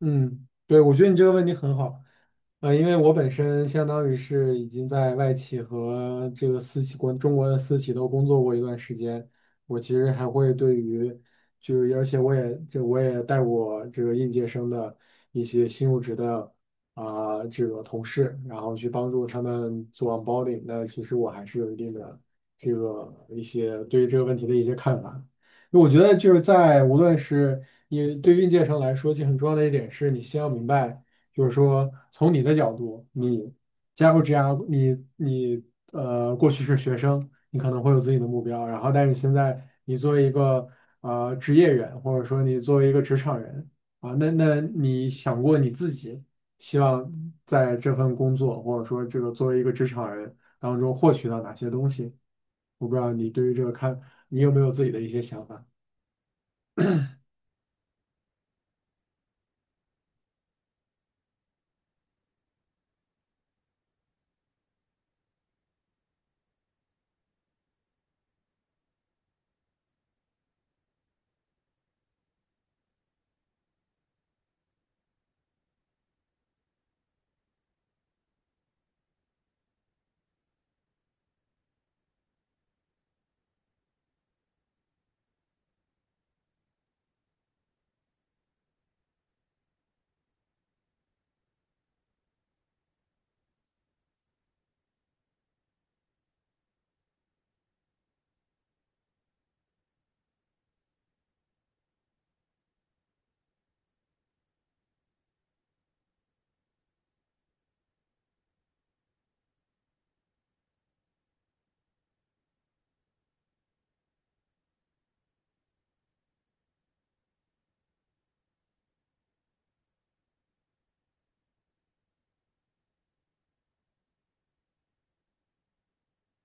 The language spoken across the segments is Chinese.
嗯，对，我觉得你这个问题很好。因为我本身相当于是已经在外企和这个私企国中国的私企都工作过一段时间。我其实还会对于就是而且我也带过这个应届生的一些新入职的啊、这个同事，然后去帮助他们做 onboarding。那其实我还是有一定的这个一些对于这个问题的一些看法。我觉得就是无论是对运界生来说，其实很重要的一点是你先要明白。就是说从你的角度，你加入 GR，你过去是学生，你可能会有自己的目标。但是现在你作为一个职业人，或者说你作为一个职场人。啊，那你想过你自己希望在这份工作，或者说这个作为一个职场人当中获取到哪些东西？我不知道你对于这个看，你有没有自己的一些想法？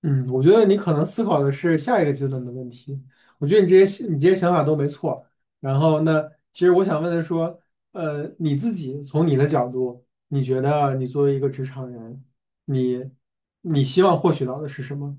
嗯，我觉得你可能思考的是下一个阶段的问题。我觉得你这些想法都没错。然后呢，其实我想问的说，你自己从你的角度，你觉得你作为一个职场人，你你希望获取到的是什么？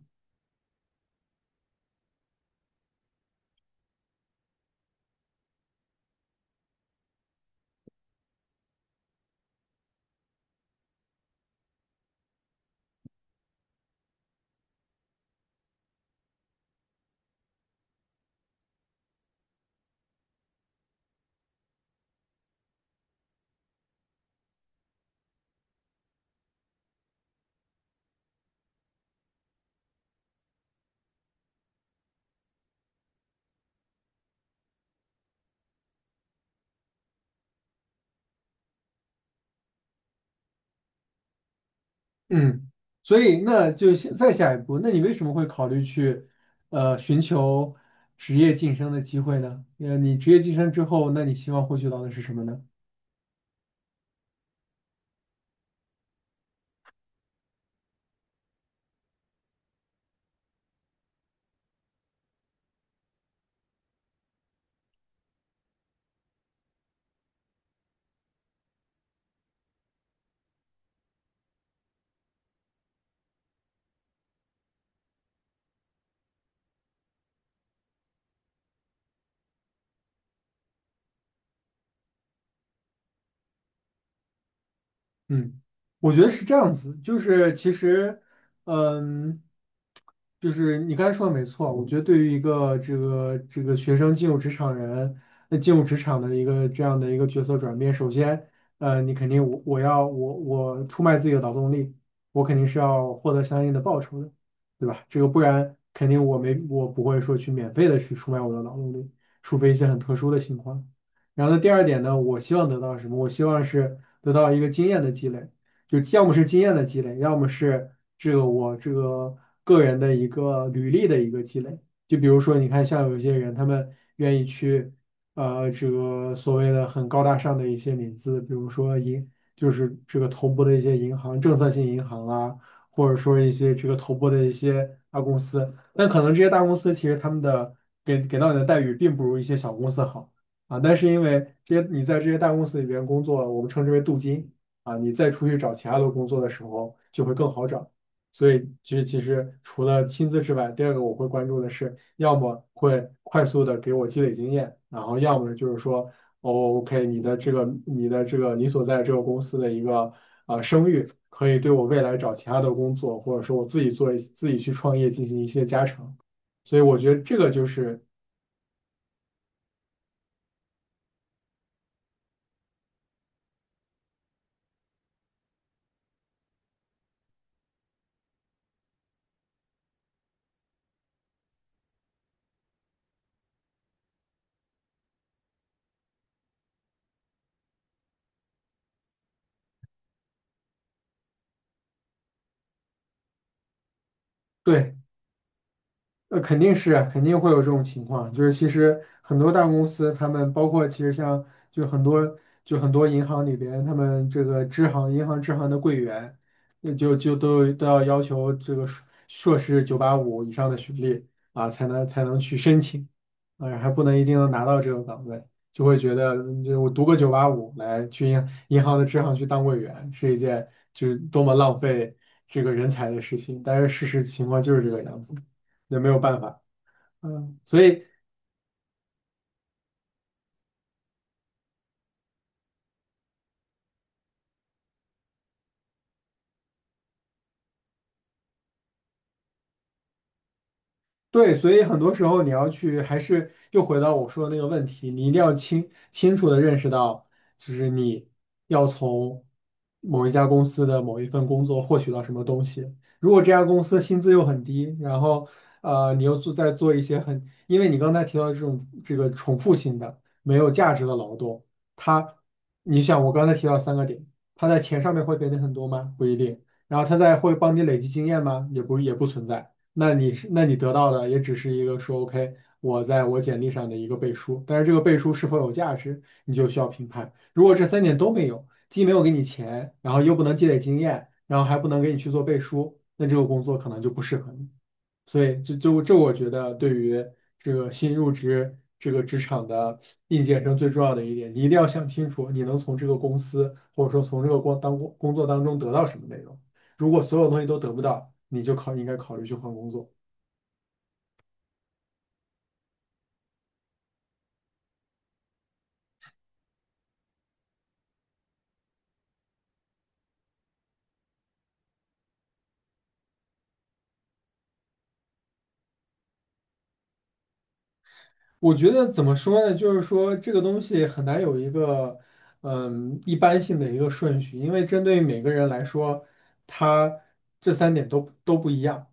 嗯，所以那就再下一步，那你为什么会考虑去寻求职业晋升的机会呢？你职业晋升之后，那你希望获取到的是什么呢？嗯，我觉得是这样子。就是其实，嗯，就是你刚才说的没错。我觉得对于一个这个学生进入职场人，那进入职场的一个这样的一个角色转变。首先，你肯定我我要我我出卖自己的劳动力，我肯定是要获得相应的报酬的，对吧？这个不然肯定我不会说去免费的去出卖我的劳动力，除非一些很特殊的情况。然后呢，第二点呢，我希望得到什么？我希望是得到一个经验的积累，就要么是经验的积累，要么是我这个个人的一个履历的一个积累。就比如说，你看，像有一些人，他们愿意去，这个所谓的很高大上的一些名字，比如说就是这个投播的一些银行、政策性银行啊，或者说一些这个投播的一些大公司。但可能这些大公司其实他们的给到你的待遇并不如一些小公司好。啊，但是因为这些你在这些大公司里边工作，我们称之为镀金，啊，你再出去找其他的工作的时候就会更好找。所以其实除了薪资之外，第二个我会关注的是，要么会快速的给我积累经验，然后要么就是说，哦，OK，你的这个你所在这个公司的一个声誉，可以对我未来找其他的工作，或者说我自己去创业进行一些加成。所以我觉得这个就是。对。肯定会有这种情况，就是其实很多大公司，他们包括其实像就很多就很多银行里边，他们这个银行支行的柜员，那就都要要求这个硕士九八五以上的学历，啊，才能去申请。啊，还不能一定能拿到这个岗位。就会觉得就我读个九八五来去银行的支行去当柜员是一件就是多么浪费这个人才的事情，但是事实情况就是这个样子。那没有办法。所以对。所以很多时候你要去，还是又回到我说的那个问题，你一定要清楚的认识到，就是你要从某一家公司的某一份工作获取到什么东西。如果这家公司薪资又很低，然后你在做一些很，因为你刚才提到这种这个重复性的、没有价值的劳动。它，你想我刚才提到三个点，它在钱上面会给你很多吗？不一定。然后它在会帮你累积经验吗？也不存在。那你得到的也只是一个说 OK，我在我简历上的一个背书，但是这个背书是否有价值，你就需要评判。如果这三点都没有，既没有给你钱，然后又不能积累经验，然后还不能给你去做背书，那这个工作可能就不适合你。所以这就这，我觉得对于这个新入职这个职场的应届生最重要的一点，你一定要想清楚，你能从这个公司或者说从这个工作当中得到什么内容。如果所有东西都得不到，你就应该考虑去换工作。我觉得怎么说呢？就是说这个东西很难有一个一般性的一个顺序，因为针对每个人来说，他这三点都不一样。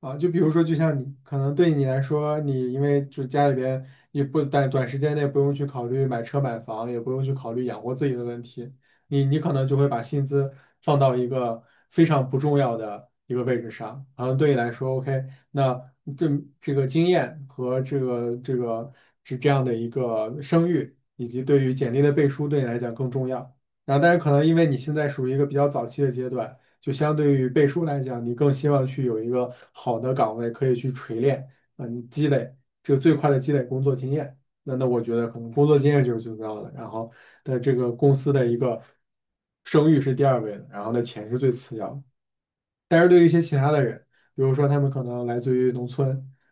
啊，就比如说，就像你可能对你来说，你因为就家里边也不短短时间内不用去考虑买车买房，也不用去考虑养活自己的问题，你可能就会把薪资放到一个非常不重要的一个位置上。然后对你来说，OK，那这这个经验和这个是这样的一个声誉，以及对于简历的背书，对你来讲更重要。然后，但是可能因为你现在属于一个比较早期的阶段。就相对于背书来讲，你更希望去有一个好的岗位可以去锤炼。你这个最快的积累工作经验。那我觉得可能工作经验就是最重要的，然后的这个公司的一个声誉是第二位的，然后呢钱是最次要的。但是对于一些其他的人，比如说他们可能来自于农村，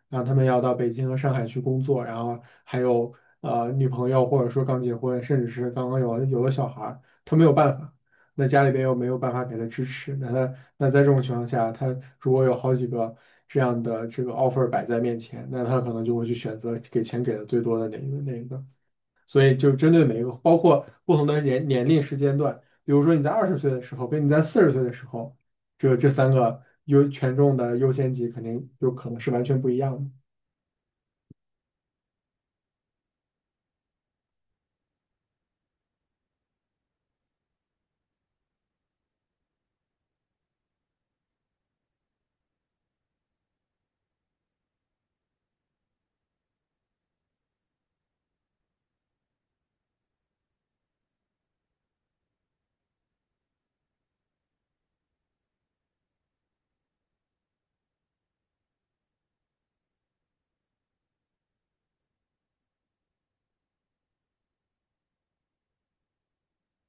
然后他们要到北京和上海去工作，然后还有女朋友，或者说刚结婚，甚至是刚刚有了小孩儿，他没有办法。那家里边又没有办法给他支持，那在这种情况下，他如果有好几个这样的这个 offer 摆在面前，那他可能就会去选择给钱给的最多的那一个那一个。所以就针对每一个，包括不同的年龄时间段，比如说你在20岁的时候，跟你在40岁的时候，这三个权重的优先级肯定就可能是完全不一样的。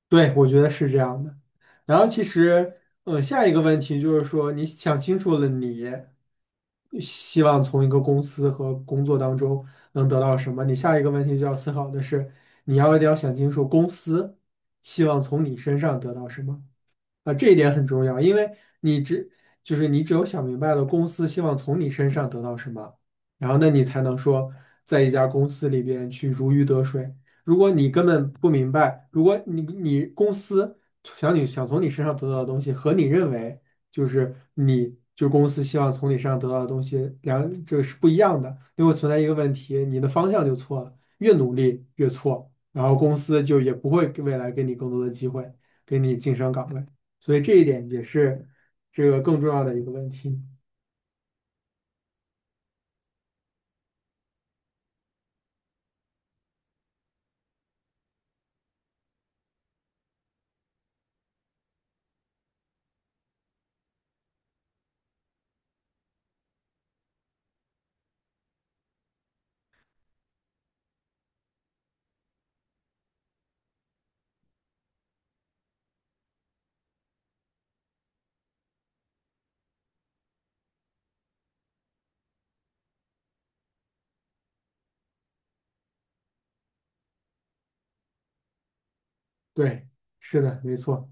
对，我觉得是这样的。然后其实，下一个问题就是说，你想清楚了你希望从一个公司和工作当中能得到什么，你下一个问题就要思考的是，一定要想清楚公司希望从你身上得到什么。啊，这一点很重要，因为你只就是你只有想明白了公司希望从你身上得到什么，然后那你才能说在一家公司里边去如鱼得水。如果你根本不明白，如果你公司想你想从你身上得到的东西和你认为就是公司希望从你身上得到的东西这个是不一样的，就会存在一个问题，你的方向就错了，越努力越错，然后公司就也不会给未来给你更多的机会，给你晋升岗位。所以这一点也是这个更重要的一个问题。对，是的，没错。